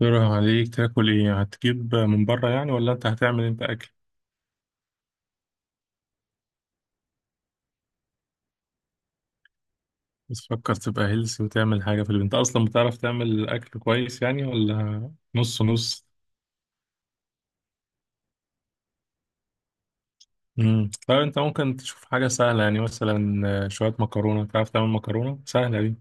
يروح عليك تاكل ايه؟ هتجيب من بره يعني ولا انت هتعمل انت اكل؟ بس فكر تبقى هيلثي وتعمل حاجه في البيت. انت اصلا بتعرف تعمل اكل كويس يعني ولا نص نص؟ طيب انت ممكن تشوف حاجه سهله، يعني مثلا شويه مكرونه. تعرف تعمل مكرونه سهله دي؟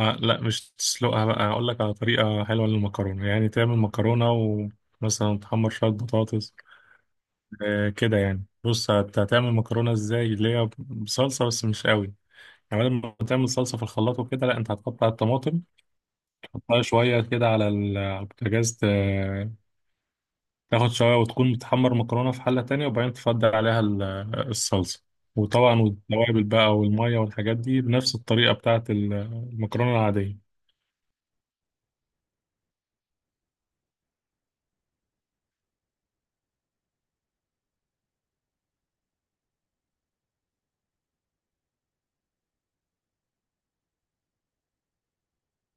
آه، لا، مش تسلقها بقى. اقول لك على طريقه حلوه للمكرونه، يعني تعمل مكرونه ومثلا تحمر شويه بطاطس. آه كده يعني، بص، هتعمل مكرونه ازاي اللي هي بصلصه بس مش قوي. كمان لما تعمل صلصة في الخلاط وكده، لا، انت هتقطع الطماطم، تحطها شوية كده على على البوتاجاز، تاخد شوية، وتكون بتحمر مكرونة في حلة تانية، وبعدين تفضل عليها الصلصة. وطبعا والتوابل بقى والمية والحاجات دي بنفس الطريقة بتاعت المكرونة العادية.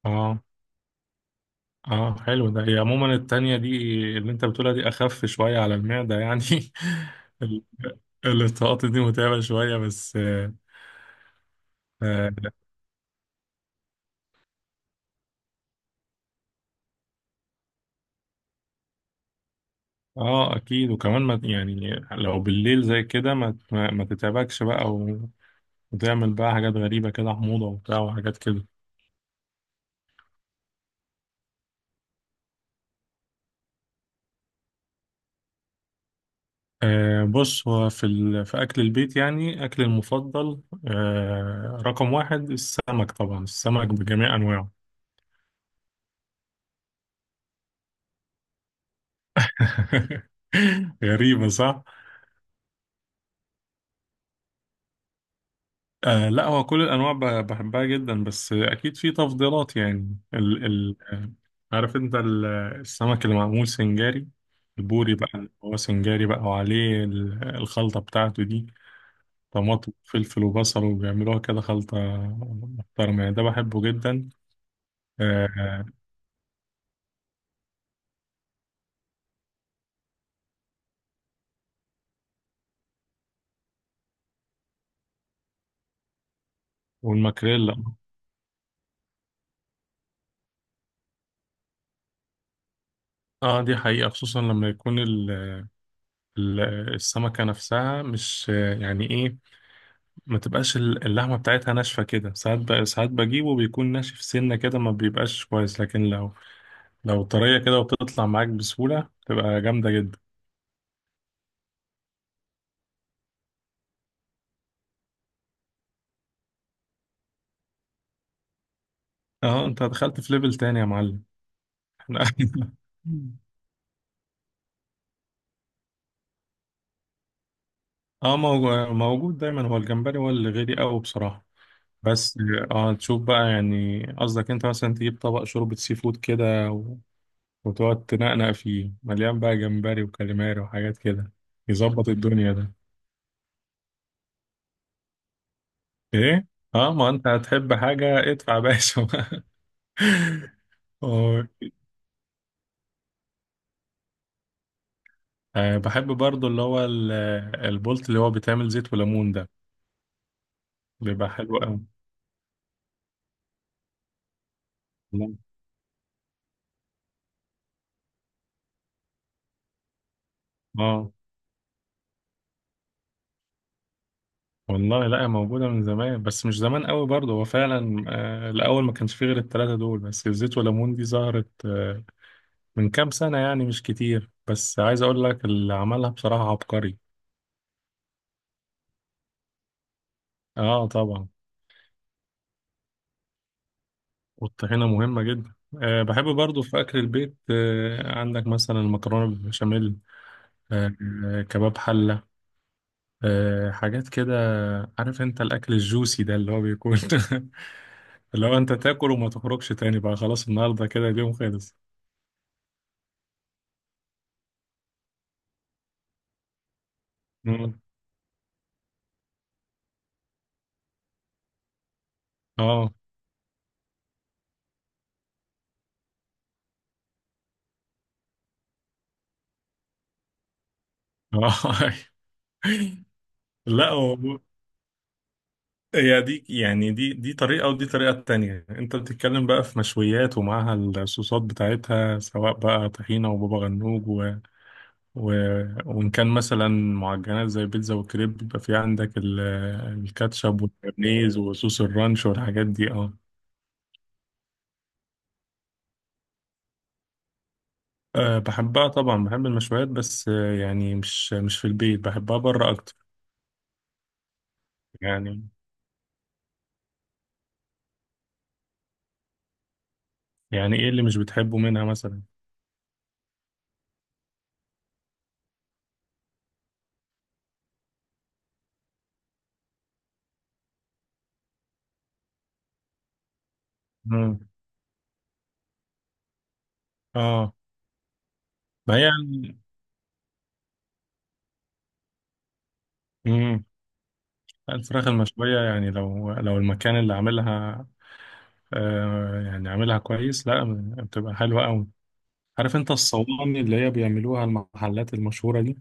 اه، اه، حلو ده. هي عموما التانية دي، اللي انت بتقولها دي، اخف شوية على المعدة يعني. الطاقات دي متعبة شوية، بس آه، اه اكيد. وكمان ما يعني لو بالليل زي كده ما تتعبكش بقى وتعمل بقى حاجات غريبة كده، حموضة وبتاع وحاجات كده. آه، بص، هو في في اكل البيت يعني، اكل المفضل، آه، رقم واحد السمك، طبعا السمك بجميع انواعه. غريبة، صح؟ آه، لا، هو كل الانواع بحبها جدا، بس اكيد في تفضيلات يعني ال عارف انت السمك اللي معمول سنجاري، البوري بقى اللي هو سنجاري بقى، وعليه الخلطة بتاعته دي، طماطم وفلفل وبصل وبيعملوها كده خلطة محترمة يعني. ده بحبه جدا. آه، والماكريلا. اه، دي حقيقة، خصوصا لما يكون ال- السمكة نفسها مش يعني ايه، ما تبقاش اللحمة بتاعتها ناشفة كده ساعات. ساعات بجيبه بيكون ناشف سنة كده، ما بيبقاش كويس. لكن لو طرية كده وبتطلع معاك بسهولة، تبقى جامدة جدا. اه، انت دخلت في ليفل تاني يا معلم. احنا اه، موجود دايما. هو الجمبري هو اللي غالي قوي بصراحة، بس اه، تشوف بقى يعني، قصدك انت مثلا تجيب طبق شوربة سي فود كده وتقعد تنقنق فيه مليان بقى، جمبري وكاليماري وحاجات كده، يظبط الدنيا ده. ايه، اه ما انت هتحب حاجة، ادفع يا باشا و- بحب برضو اللي هو البولت اللي هو بيتعمل زيت وليمون ده، بيبقى حلو قوي. لا. اه والله، لا، موجودة من زمان بس مش زمان قوي برضو. هو فعلا الأول ما كانش فيه غير التلاتة دول، بس الزيت وليمون دي ظهرت من كام سنة يعني، مش كتير. بس عايز أقول لك، اللي عملها بصراحة عبقري. اه طبعا. والطحينة مهمة جدا. أه، بحب برضو في أكل البيت. أه، عندك مثلا المكرونة بالبشاميل، أه، آه، كباب حلة، أه، حاجات كده. عارف أنت الأكل الجوسي ده، اللي هو بيكون اللي هو أنت تاكل وما تخرجش تاني بقى، خلاص النهاردة كده، اليوم خلص. مم. اه، اه، لا، هو هي دي يعني، دي طريقة ودي طريقة تانية. أنت بتتكلم بقى في مشويات ومعاها الصوصات بتاعتها، سواء بقى طحينة وبابا غنوج و... وإن كان مثلا معجنات زي بيتزا وكريب، بيبقى في عندك الكاتشب والمايونيز وصوص الرانش والحاجات دي. اه، بحبها طبعا، بحب المشويات، بس يعني مش في البيت بحبها، بره أكتر. يعني، يعني إيه اللي مش بتحبه منها مثلا؟ مم. اه، ما هي يعني. مم. الفراخ المشوية، يعني لو المكان اللي عاملها آه يعني عاملها كويس، لا، بتبقى حلوة أوي. عارف انت الصواني اللي هي بيعملوها المحلات المشهورة دي،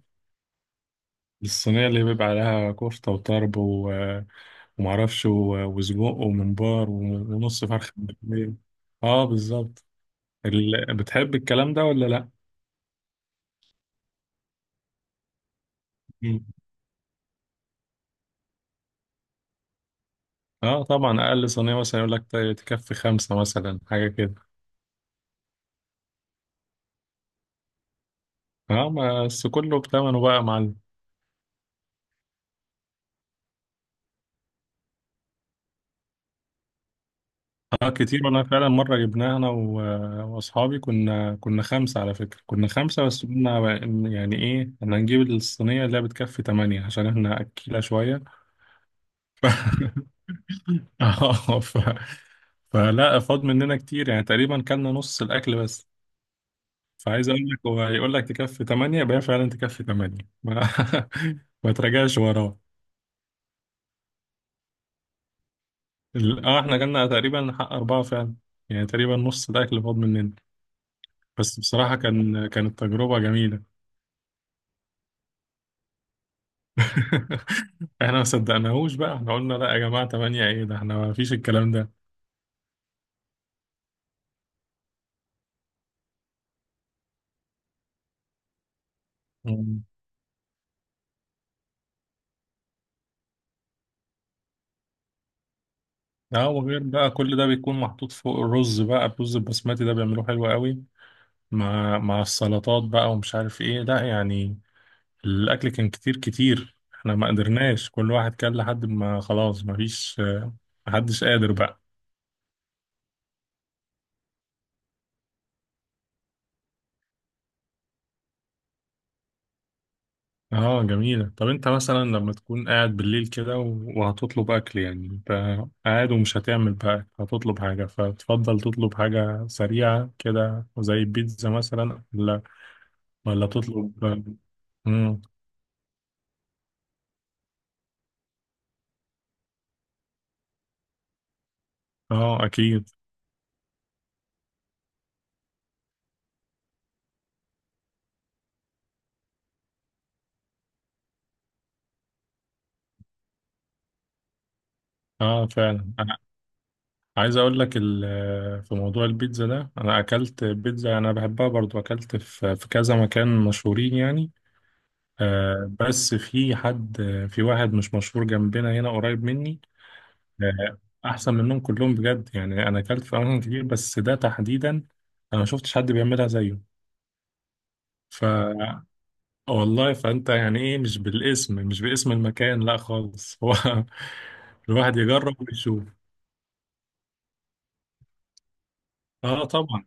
الصينية اللي بيبقى عليها كفتة وطرب ومعرفش وسجق وممبار ونص فرخة مقلية. اه، بالظبط. بتحب الكلام ده ولا لا؟ مم. اه، طبعا أقل صينية مثلا يقول لك تكفي خمسة مثلا، حاجة كده. اه، بس كله بتمنه بقى يا معلم. اه كتير. وانا فعلا مرة جبناها، انا واصحابي، كنا خمسة على فكرة، كنا خمسة بس قلنا بقى يعني ايه، احنا هنجيب الصينية اللي هي بتكفي تمانية عشان احنا أكيلة شوية. اه فلا فاض مننا كتير، يعني تقريبا كلنا نص الاكل بس. فعايز اقول لك، هو هيقول لك تكفي 8، يبقى هي فعلا تكفي 8، ما, ما تراجعش وراه. اه، احنا جالنا تقريبا حق اربعه فعلا، يعني تقريبا نص الاكل فاض مننا. بس بصراحه، كانت تجربه جميله. احنا ما صدقناهوش بقى، احنا قلنا لا يا جماعه، 8 ايه ده، احنا ما فيش الكلام ده. مم. اه وغير بقى كل ده بيكون محطوط فوق الرز، بقى الرز البسمتي ده بيعملوه حلو قوي، مع السلطات بقى ومش عارف ايه، لا يعني الاكل كان كتير كتير، احنا ما قدرناش، كل واحد كان لحد ما خلاص، ما فيش، محدش قادر بقى. اه، جميلة. طب انت مثلا لما تكون قاعد بالليل كده وهتطلب اكل يعني، انت قاعد ومش هتعمل بقى أكل، هتطلب حاجة، فتفضل تطلب حاجة سريعة كده زي البيتزا مثلا، ولا تطلب؟ مم. اه اكيد. اه فعلا. عايز اقول لك في موضوع البيتزا ده، انا اكلت بيتزا، انا بحبها برضو، اكلت في كذا مكان مشهورين يعني، بس في حد، في واحد مش مشهور جنبنا هنا قريب مني، آه، احسن منهم كلهم بجد يعني. انا اكلت في اماكن كتير بس ده تحديدا، انا ما شفتش حد بيعملها زيه. ف آه، والله، فانت يعني ايه، مش بالاسم، مش باسم المكان، لا خالص. هو الواحد يجرب ويشوف. اه طبعا.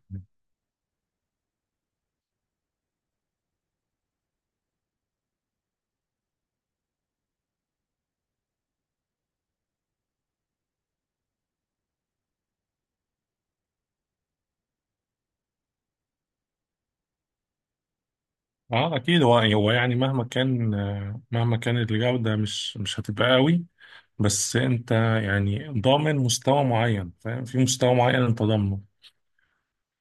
اه اكيد. هو يعني، مهما كان مهما كانت الجودة، مش هتبقى قوي، بس انت يعني ضامن مستوى معين، فاهم؟ في مستوى معين انت ضامنه.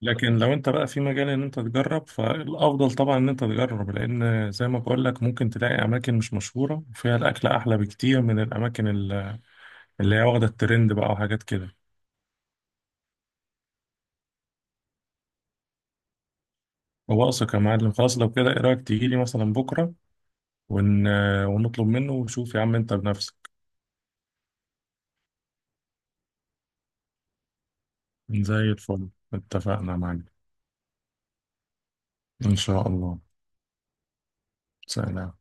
لكن لو انت بقى في مجال ان انت تجرب، فالافضل طبعا ان انت تجرب، لان زي ما بقول لك، ممكن تلاقي اماكن مش مشهورة وفيها الاكل احلى بكتير من الاماكن اللي هي واخدة الترند بقى وحاجات كده. هو اثق يا معلم. خلاص لو كده، ايه رايك تيجي لي مثلا بكرة ون... ونطلب منه، وشوف يا عم انت بنفسك. زي الفل. اتفقنا يا معلم. إن شاء الله. سلام.